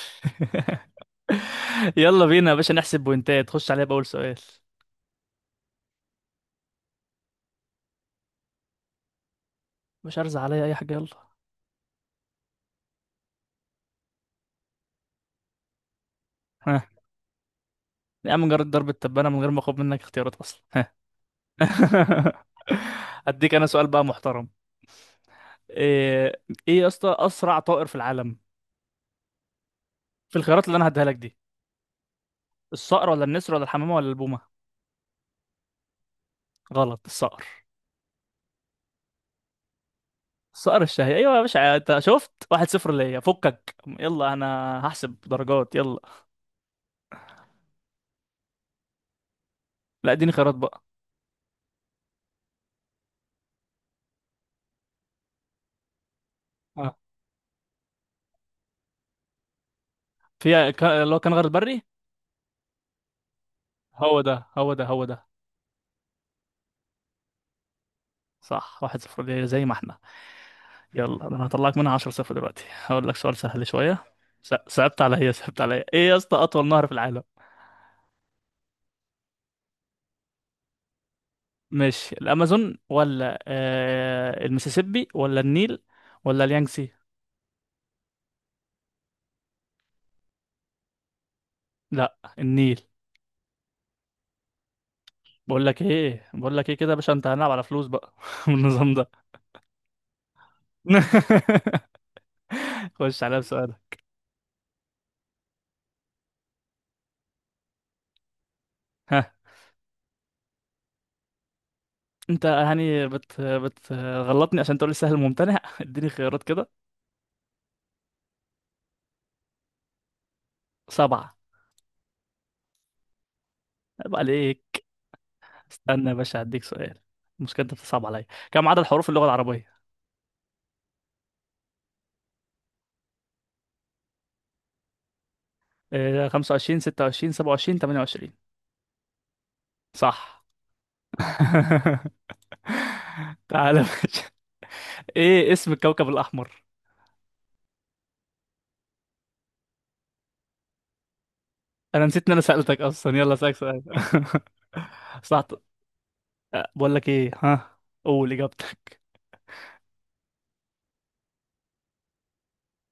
يلا بينا يا باشا، نحسب بوينتات. خش عليا بأول سؤال. مش هرزع عليا أي حاجة، يلا. ها، يا عم جرد ضرب التبانة من غير ما أخد منك اختيارات أصلا. ها. هديك أنا سؤال بقى محترم. إيه إيه يا اسطى، أسرع طائر في العالم؟ في الخيارات اللي أنا هديها لك دي. الصقر ولا النسر ولا الحمامة ولا البومة؟ غلط، الصقر. الصقر الشهي. أيوة يا باشا، أنت شفت، واحد صفر ليا، فكك، يلا أنا هحسب درجات. يلا. لا، اديني خيارات بقى. آه. اللي هو كان غير البري. هو ده، هو ده، هو ده. صح، واحد صفر ليه زي ما احنا. يلا انا هطلعك منها 10 صفر دلوقتي. هقول لك سؤال سهل شويه. صعبت عليا، ايه يا اسطى، اطول نهر في العالم؟ مش الامازون ولا المسيسيبي ولا النيل ولا اليانجسي؟ لا، النيل. بقول لك ايه كده يا باشا، انت هنلعب على فلوس بقى من النظام ده. خش عليا بسؤالك. ها. انت يعني بتغلطني عشان تقول لي سهل ممتنع؟ اديني خيارات كده. سبعة. عيب عليك. استنى يا باشا، هديك سؤال. المشكلة انت بتصعب عليا. كم عدد حروف اللغة العربية؟ 25 26 27 28؟ صح. تعالى يا باشا. ايه اسم الكوكب الأحمر؟ أنا نسيت إن أنا سألتك أصلا، يلا أسألك سؤال. صح. بقول لك ايه، ها. قول إجابتك.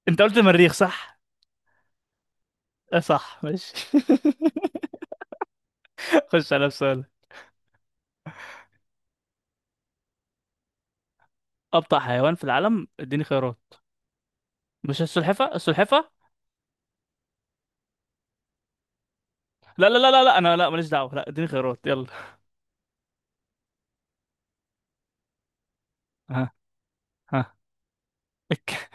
أنت قلت المريخ صح؟ آه صح، ماشي. خش على السؤال. أبطأ حيوان في العالم؟ اديني خيارات. مش السلحفة، السلحفة. لا، لا، لا، لا، لا، أنا لا، ماليش دعوة، لا، اديني خيارات، يلا. ها. ها.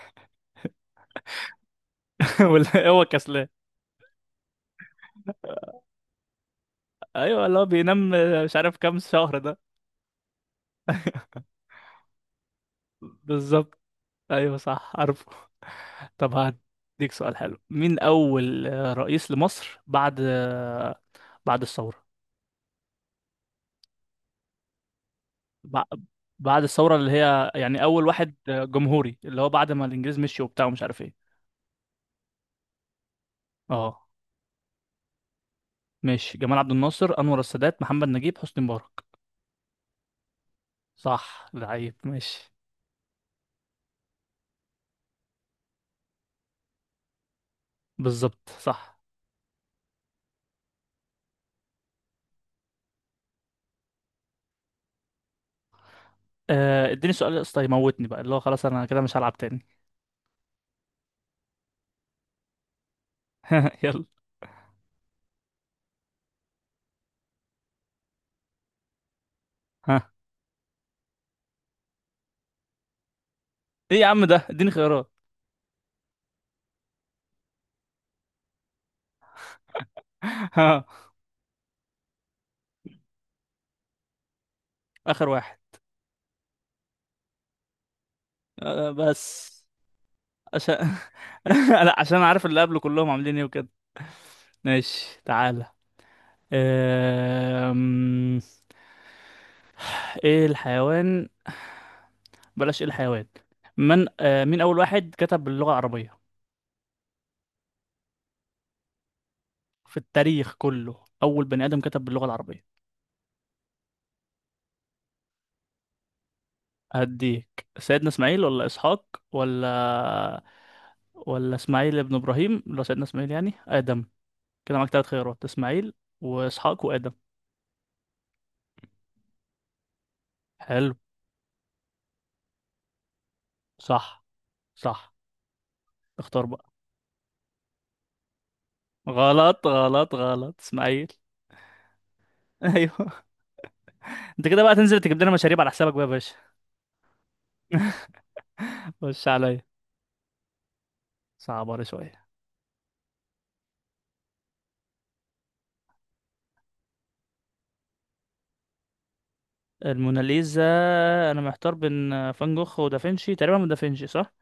ولا هو كسلان. ايوه، اللي هو بينام مش عارف كام شهر ده. بالظبط. ايوه، صح، عارفه. طب هديك سؤال حلو. مين اول رئيس لمصر بعد بعد الثوره. بع- بعد الثوره اللي هي يعني اول واحد جمهوري، اللي هو بعد ما الانجليز مشي وبتاع ومش عارف ايه. اه ماشي. جمال عبد الناصر، انور السادات، محمد نجيب، حسني مبارك؟ صح، لعيب ماشي. بالظبط، صح. اديني سؤال يا اسطى يموتني بقى، اللي هو خلاص انا كده مش هلعب تاني. يلا. ها، ايه يا عم ده؟ اديني خيارات. ها. اخر واحد. أه، بس عشان لا، عشان عارف اللي قبله كلهم عاملين ايه وكده. ماشي. تعالى. أم... ايه الحيوان، بلاش ايه الحيوان. من أه مين اول واحد كتب باللغة العربية، في التاريخ كله، اول بني ادم كتب باللغة العربية؟ هديك سيدنا اسماعيل ولا اسحاق، ولا اسماعيل ابن ابراهيم، ولا سيدنا اسماعيل، يعني ادم. كده معاك تلات خيارات، اسماعيل واسحاق وادم. حلو. صح، صح. اختار بقى. غلط، غلط، غلط، اسماعيل. ايوه. انت كده بقى تنزل تجيب لنا مشاريب على حسابك بقى يا باشا. خش عليا. صعبة شوية. الموناليزا. انا محتار بين فان جوخ ودافنشي، تقريبا من دافنشي، صح.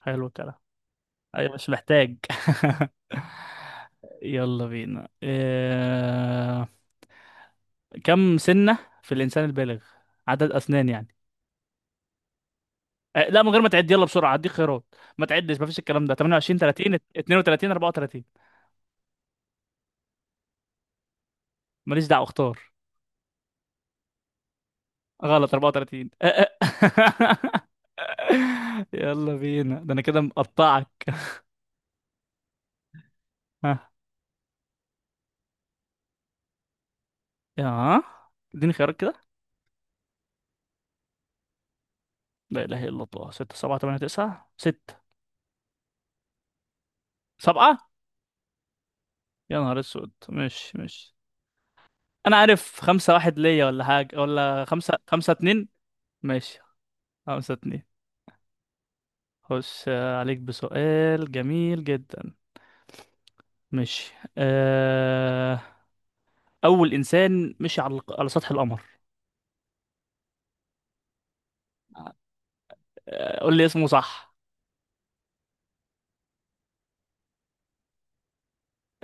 حلو الكلام. ايوه، مش محتاج. يلا بينا. كم سنة في الانسان البالغ، عدد اسنان يعني. لا، من غير ما تعد، يلا بسرعه، هديك خيارات، ما تعدش، ما فيش الكلام ده. 28 30 32 34؟ ماليش دعوه، اختار. غلط، 34. يلا بينا، ده انا كده مقطعك. ها. يا اديني خيارات كده. لا اله الا الله، 6 7 8 9. 6 7؟ يا نهار اسود، ماشي، ماشي. انا عارف 5 1 ليا، ولا حاجه، ولا 5 5 2. ماشي 5 2. خش عليك بسؤال جميل جدا. ماشي. اول انسان مشي على سطح القمر. قول لي اسمه، صح.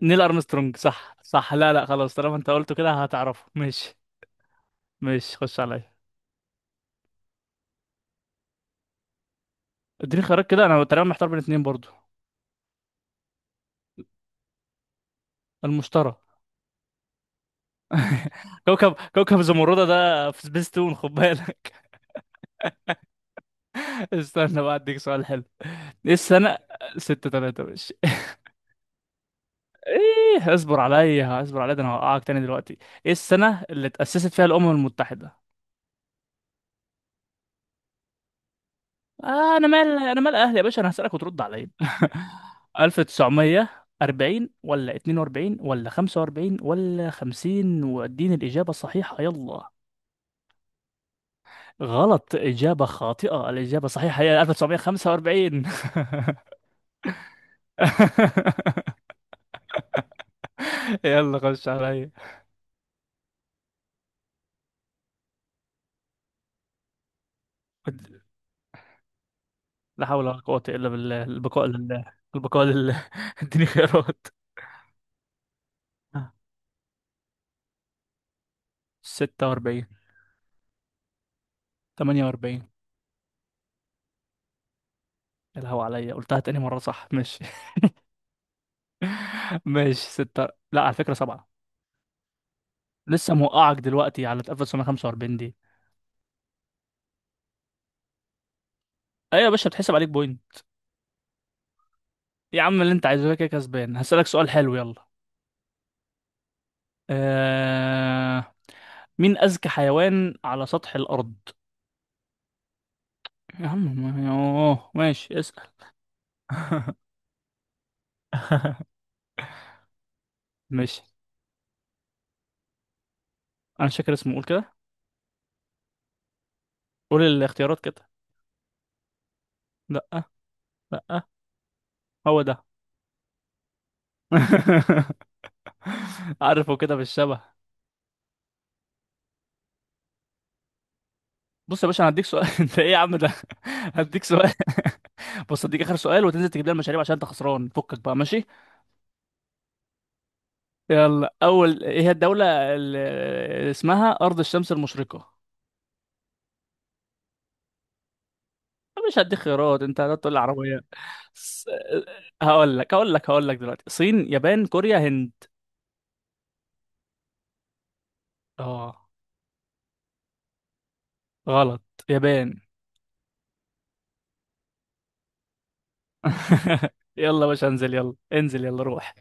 نيل ارمسترونج، صح، صح. لا، لا، خلاص طالما انت قلته كده هتعرفه، ماشي. ماشي، خش عليا. اديني خيارات كده، انا تقريبا محتار بين اتنين برضو. المشتري. كوكب زمردة ده في سبيس تون، خد بالك. استنى بقى اديك سؤال حلو. ايه السنة؟ ستة تلاتة، ماشي. ايه، اصبر عليا، اصبر عليا، ده انا هوقعك تاني دلوقتي. ايه السنة اللي اتأسست فيها الأمم المتحدة؟ انا مال، انا مال اهلي يا باشا، انا هسألك وترد عليا. 1940 ولا 42 ولا 45 ولا 50؟ واديني الإجابة الصحيحة، يلا. غلط، إجابة خاطئة، الإجابة الصحيحة هي 1945. يلا، خش عليا. لا حول ولا قوة إلا بالله، البقاء لله، البقاء لله. اديني خيارات. 46 48. الهوا عليا، قلتها تاني مرة، صح، ماشي. ماشي ستة، لا على فكرة سبعة. لسه موقعك دلوقتي على اتقفل 145 دي. ايوه يا باشا، بتحسب عليك بوينت. يا عم اللي انت عايزه، كده كده كسبان، هسألك سؤال حلو، يلا. آه... مين أذكى حيوان على سطح الأرض؟ يا عم. اوه ماشي، اسأل. ماشي. انا مش فاكر اسمه، قول كده. قول الاختيارات كده. لا، لا. هو ده. عارفه كده بالشبه. بص يا باشا انا هديك سؤال. انت ايه يا عم ده؟ هديك سؤال. بص هديك اخر سؤال وتنزل تجيب لي المشاريب عشان انت خسران فكك بقى، ماشي. يلا، اول ايه هي الدولة اللي اسمها ارض الشمس المشرقة؟ مش هديك خيارات، انت هتقول لي عربية. س- هقول لك دلوقتي، صين، يابان، كوريا، هند. اه. غلط، يابان. يلا يا باشا، انزل، يلا، انزل، يلا روح.